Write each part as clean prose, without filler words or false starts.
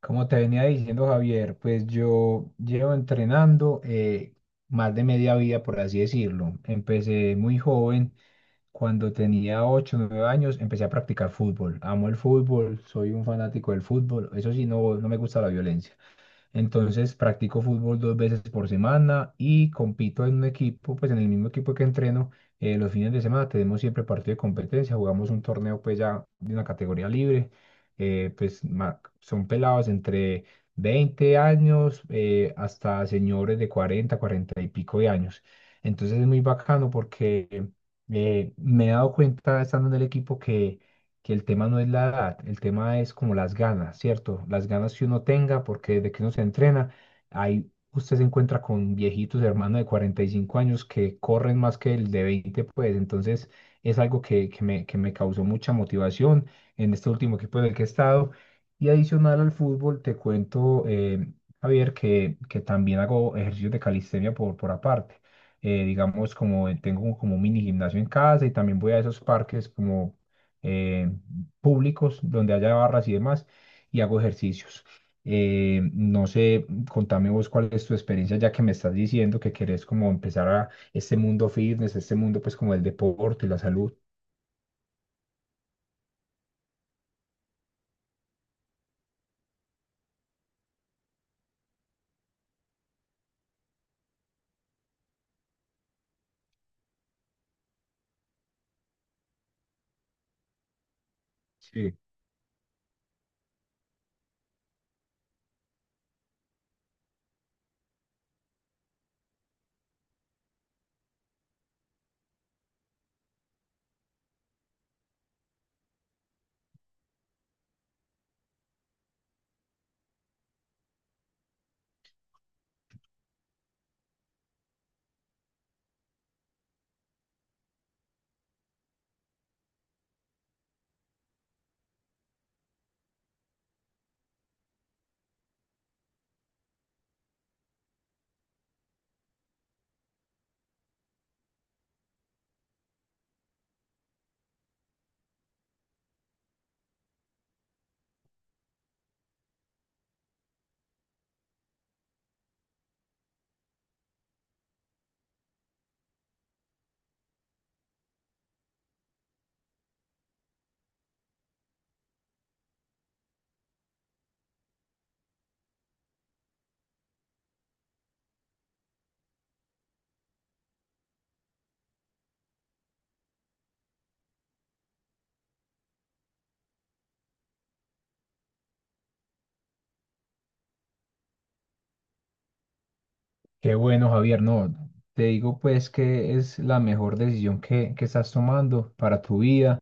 Como te venía diciendo, Javier, pues yo llevo entrenando más de media vida, por así decirlo. Empecé muy joven, cuando tenía 8 o 9 años, empecé a practicar fútbol. Amo el fútbol, soy un fanático del fútbol. Eso sí, no, no me gusta la violencia. Entonces practico fútbol dos veces por semana y compito en un equipo, pues en el mismo equipo que entreno los fines de semana. Tenemos siempre partido de competencia, jugamos un torneo pues ya de una categoría libre. Pues son pelados entre 20 años hasta señores de 40, 40 y pico de años. Entonces es muy bacano porque me he dado cuenta estando en el equipo que el tema no es la edad, el tema es como las ganas, ¿cierto? Las ganas que uno tenga, porque desde que uno se entrena, ahí usted se encuentra con viejitos, hermanos de 45 años que corren más que el de 20, pues entonces es algo que me causó mucha motivación en este último equipo en el que he estado. Y adicional al fútbol, te cuento, Javier, que también hago ejercicios de calistenia por aparte. Digamos, como tengo como un mini gimnasio en casa, y también voy a esos parques como eh, públicos donde haya barras y demás, y hago ejercicios. No sé, contame vos cuál es tu experiencia ya que me estás diciendo que querés como empezar a este mundo fitness, este mundo pues como el deporte y la salud. Sí. Qué bueno, Javier. No, te digo pues que es la mejor decisión que estás tomando para tu vida.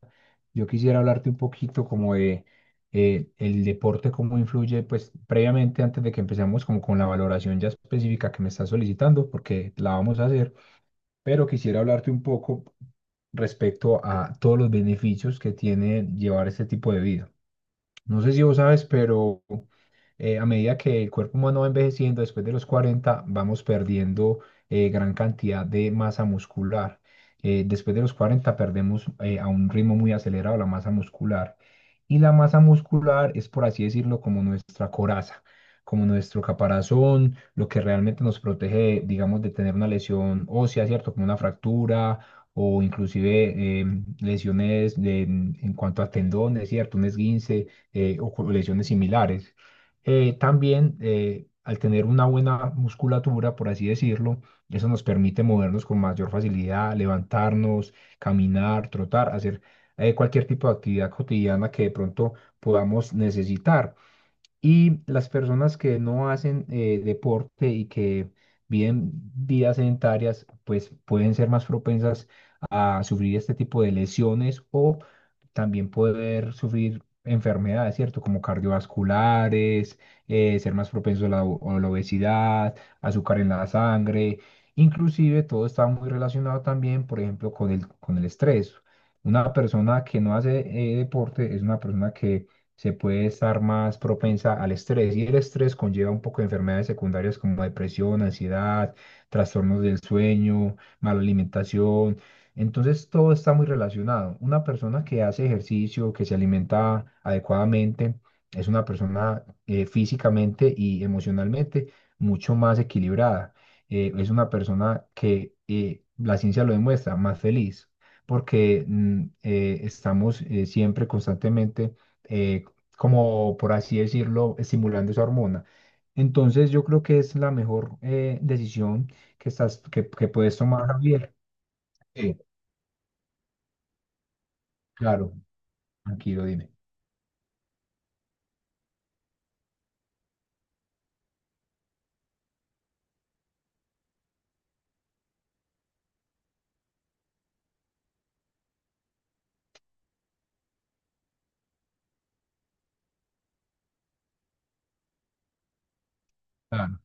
Yo quisiera hablarte un poquito como de el deporte, cómo influye, pues previamente, antes de que empecemos como con la valoración ya específica que me estás solicitando, porque la vamos a hacer, pero quisiera hablarte un poco respecto a todos los beneficios que tiene llevar este tipo de vida. No sé si vos sabes, pero a medida que el cuerpo humano va envejeciendo, después de los 40, vamos perdiendo gran cantidad de masa muscular. Después de los 40 perdemos a un ritmo muy acelerado la masa muscular. Y la masa muscular es, por así decirlo, como nuestra coraza, como nuestro caparazón, lo que realmente nos protege, digamos, de tener una lesión ósea, ¿cierto? Como una fractura o inclusive lesiones en cuanto a tendones, ¿cierto? Un esguince o lesiones similares también al tener una buena musculatura, por así decirlo, eso nos permite movernos con mayor facilidad, levantarnos, caminar, trotar, hacer cualquier tipo de actividad cotidiana que de pronto podamos necesitar. Y las personas que no hacen deporte y que viven vidas sedentarias, pues pueden ser más propensas a sufrir este tipo de lesiones, o también poder sufrir enfermedades, ¿cierto? Como cardiovasculares, ser más propensos a la obesidad, azúcar en la sangre. Inclusive todo está muy relacionado también, por ejemplo, con el estrés. Una persona que no hace deporte es una persona que se puede estar más propensa al estrés, y el estrés conlleva un poco de enfermedades secundarias como depresión, ansiedad, trastornos del sueño, mala alimentación. Entonces todo está muy relacionado. Una persona que hace ejercicio, que se alimenta adecuadamente, es una persona físicamente y emocionalmente mucho más equilibrada. Es una persona que la ciencia lo demuestra, más feliz, porque estamos siempre constantemente eh, como, por así decirlo, estimulando esa hormona. Entonces yo creo que es la mejor decisión que puedes tomar, Javier. Sí, claro, tranquilo, dime. Claro,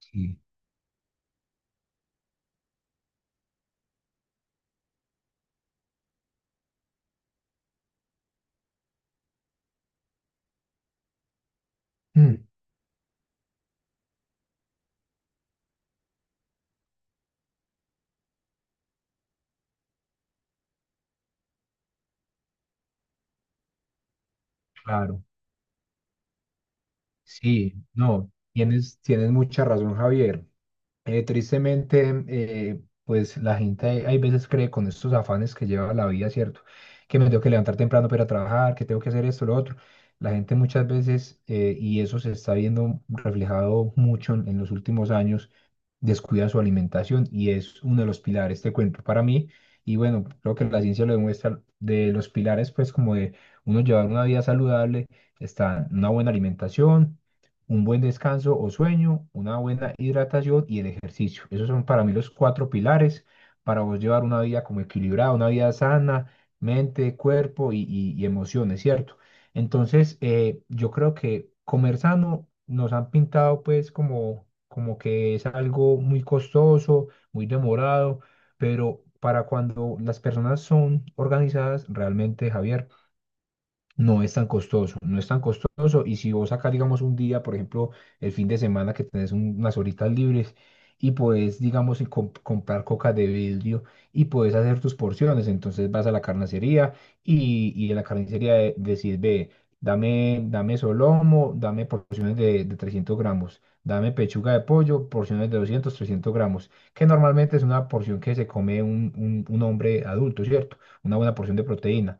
sí. Mm, claro, sí, no, tienes mucha razón, Javier. Tristemente, pues la gente hay veces cree con estos afanes que lleva la vida, ¿cierto? Que me tengo que levantar temprano para ir a trabajar, que tengo que hacer esto, lo otro. La gente muchas veces, y eso se está viendo reflejado mucho en los últimos años, descuida su alimentación, y es uno de los pilares, te cuento, para mí. Y bueno, creo que la ciencia lo demuestra, de los pilares, pues como de uno llevar una vida saludable, está una buena alimentación, un buen descanso o sueño, una buena hidratación y el ejercicio. Esos son para mí los cuatro pilares para vos llevar una vida como equilibrada, una vida sana, mente, cuerpo y emociones, ¿cierto? Entonces, yo creo que comer sano nos han pintado pues como, que es algo muy costoso, muy demorado, pero para cuando las personas son organizadas, realmente, Javier, no es tan costoso, no es tan costoso. Y si vos sacas, digamos, un día, por ejemplo, el fin de semana que tenés unas horitas libres y podés, digamos, y comprar coca de vidrio, y podés hacer tus porciones, entonces vas a la carnicería, y en la carnicería decís: ve, dame solomo, dame porciones de 300 gramos, dame pechuga de pollo, porciones de 200 300 gramos, que normalmente es una porción que se come un hombre adulto, ¿cierto? Una buena porción de proteína.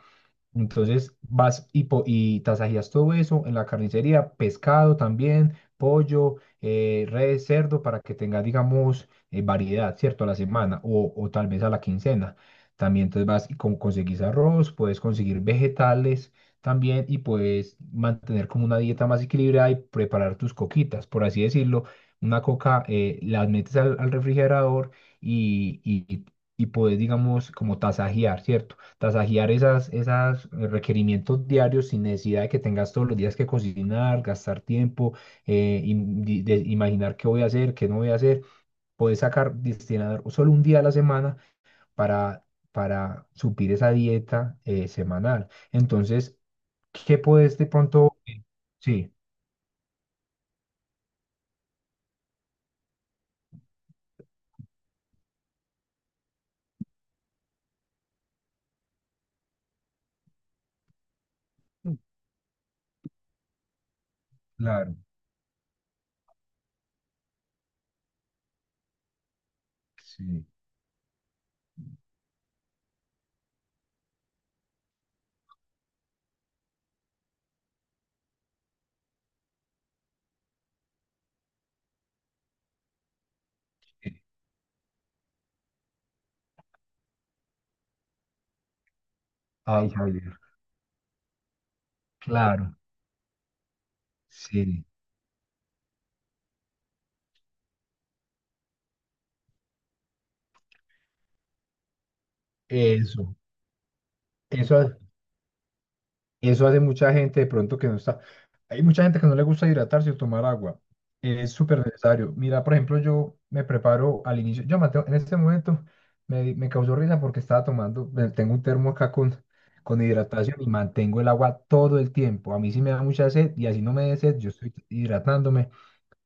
Entonces vas y tasajías todo eso en la carnicería, pescado también, pollo, res, cerdo, para que tengas, digamos, variedad, ¿cierto? A la semana o tal vez a la quincena. También entonces vas y conseguís arroz, puedes conseguir vegetales también, y puedes mantener como una dieta más equilibrada y preparar tus coquitas, por así decirlo. Una coca la metes al refrigerador y, y, y puedes, digamos, como tasajear, ¿cierto? Tasajear esas requerimientos diarios sin necesidad de que tengas todos los días que cocinar, gastar tiempo, imaginar qué voy a hacer, qué no voy a hacer. Puedes sacar, destinar solo un día a la semana para, para, suplir esa dieta semanal. Entonces, ¿qué puedes de pronto? Sí, claro, sí. eh, Ay, Javier, claro, sí. Eso, eso. Eso hace mucha gente de pronto que no está. Hay mucha gente que no le gusta hidratarse o tomar agua. Es súper necesario. Mira, por ejemplo, yo me preparo al inicio. Yo, Mateo, en este momento me causó risa porque estaba tomando. Tengo un termo acá con hidratación, y mantengo el agua todo el tiempo. A mí sí me da mucha sed, y así no me dé sed, yo estoy hidratándome,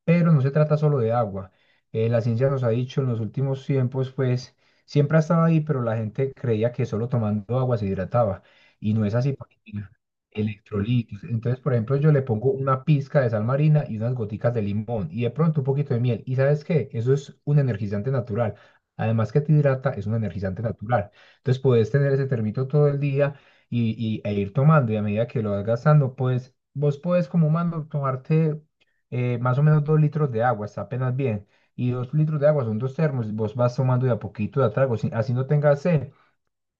pero no se trata solo de agua. La ciencia nos ha dicho en los últimos tiempos, pues siempre ha estado ahí, pero la gente creía que solo tomando agua se hidrataba, y no es así, porque tiene electrolitos. Entonces, por ejemplo, yo le pongo una pizca de sal marina y unas goticas de limón y de pronto un poquito de miel. ¿Y sabes qué? Eso es un energizante natural. Además que te hidrata, es un energizante natural. Entonces, puedes tener ese termito todo el día e ir tomando, y a medida que lo vas gastando, pues vos puedes, como humano, tomarte más o menos 2 litros de agua, está apenas bien. Y 2 litros de agua son dos termos. Vos vas tomando de a poquito, de a trago, así no tengas sed,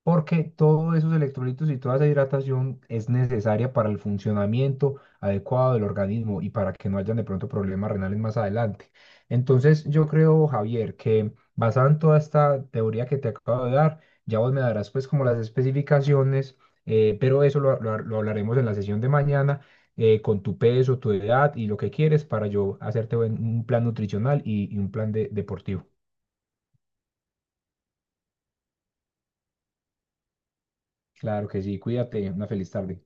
porque todos esos electrolitos y toda esa hidratación es necesaria para el funcionamiento adecuado del organismo y para que no hayan de pronto problemas renales más adelante. Entonces, yo creo, Javier, que basado en toda esta teoría que te acabo de dar, ya vos me darás pues como las especificaciones, pero eso lo hablaremos en la sesión de mañana. Con tu peso, tu edad y lo que quieres, para yo hacerte un plan nutricional y un plan deportivo. Claro que sí, cuídate, una feliz tarde.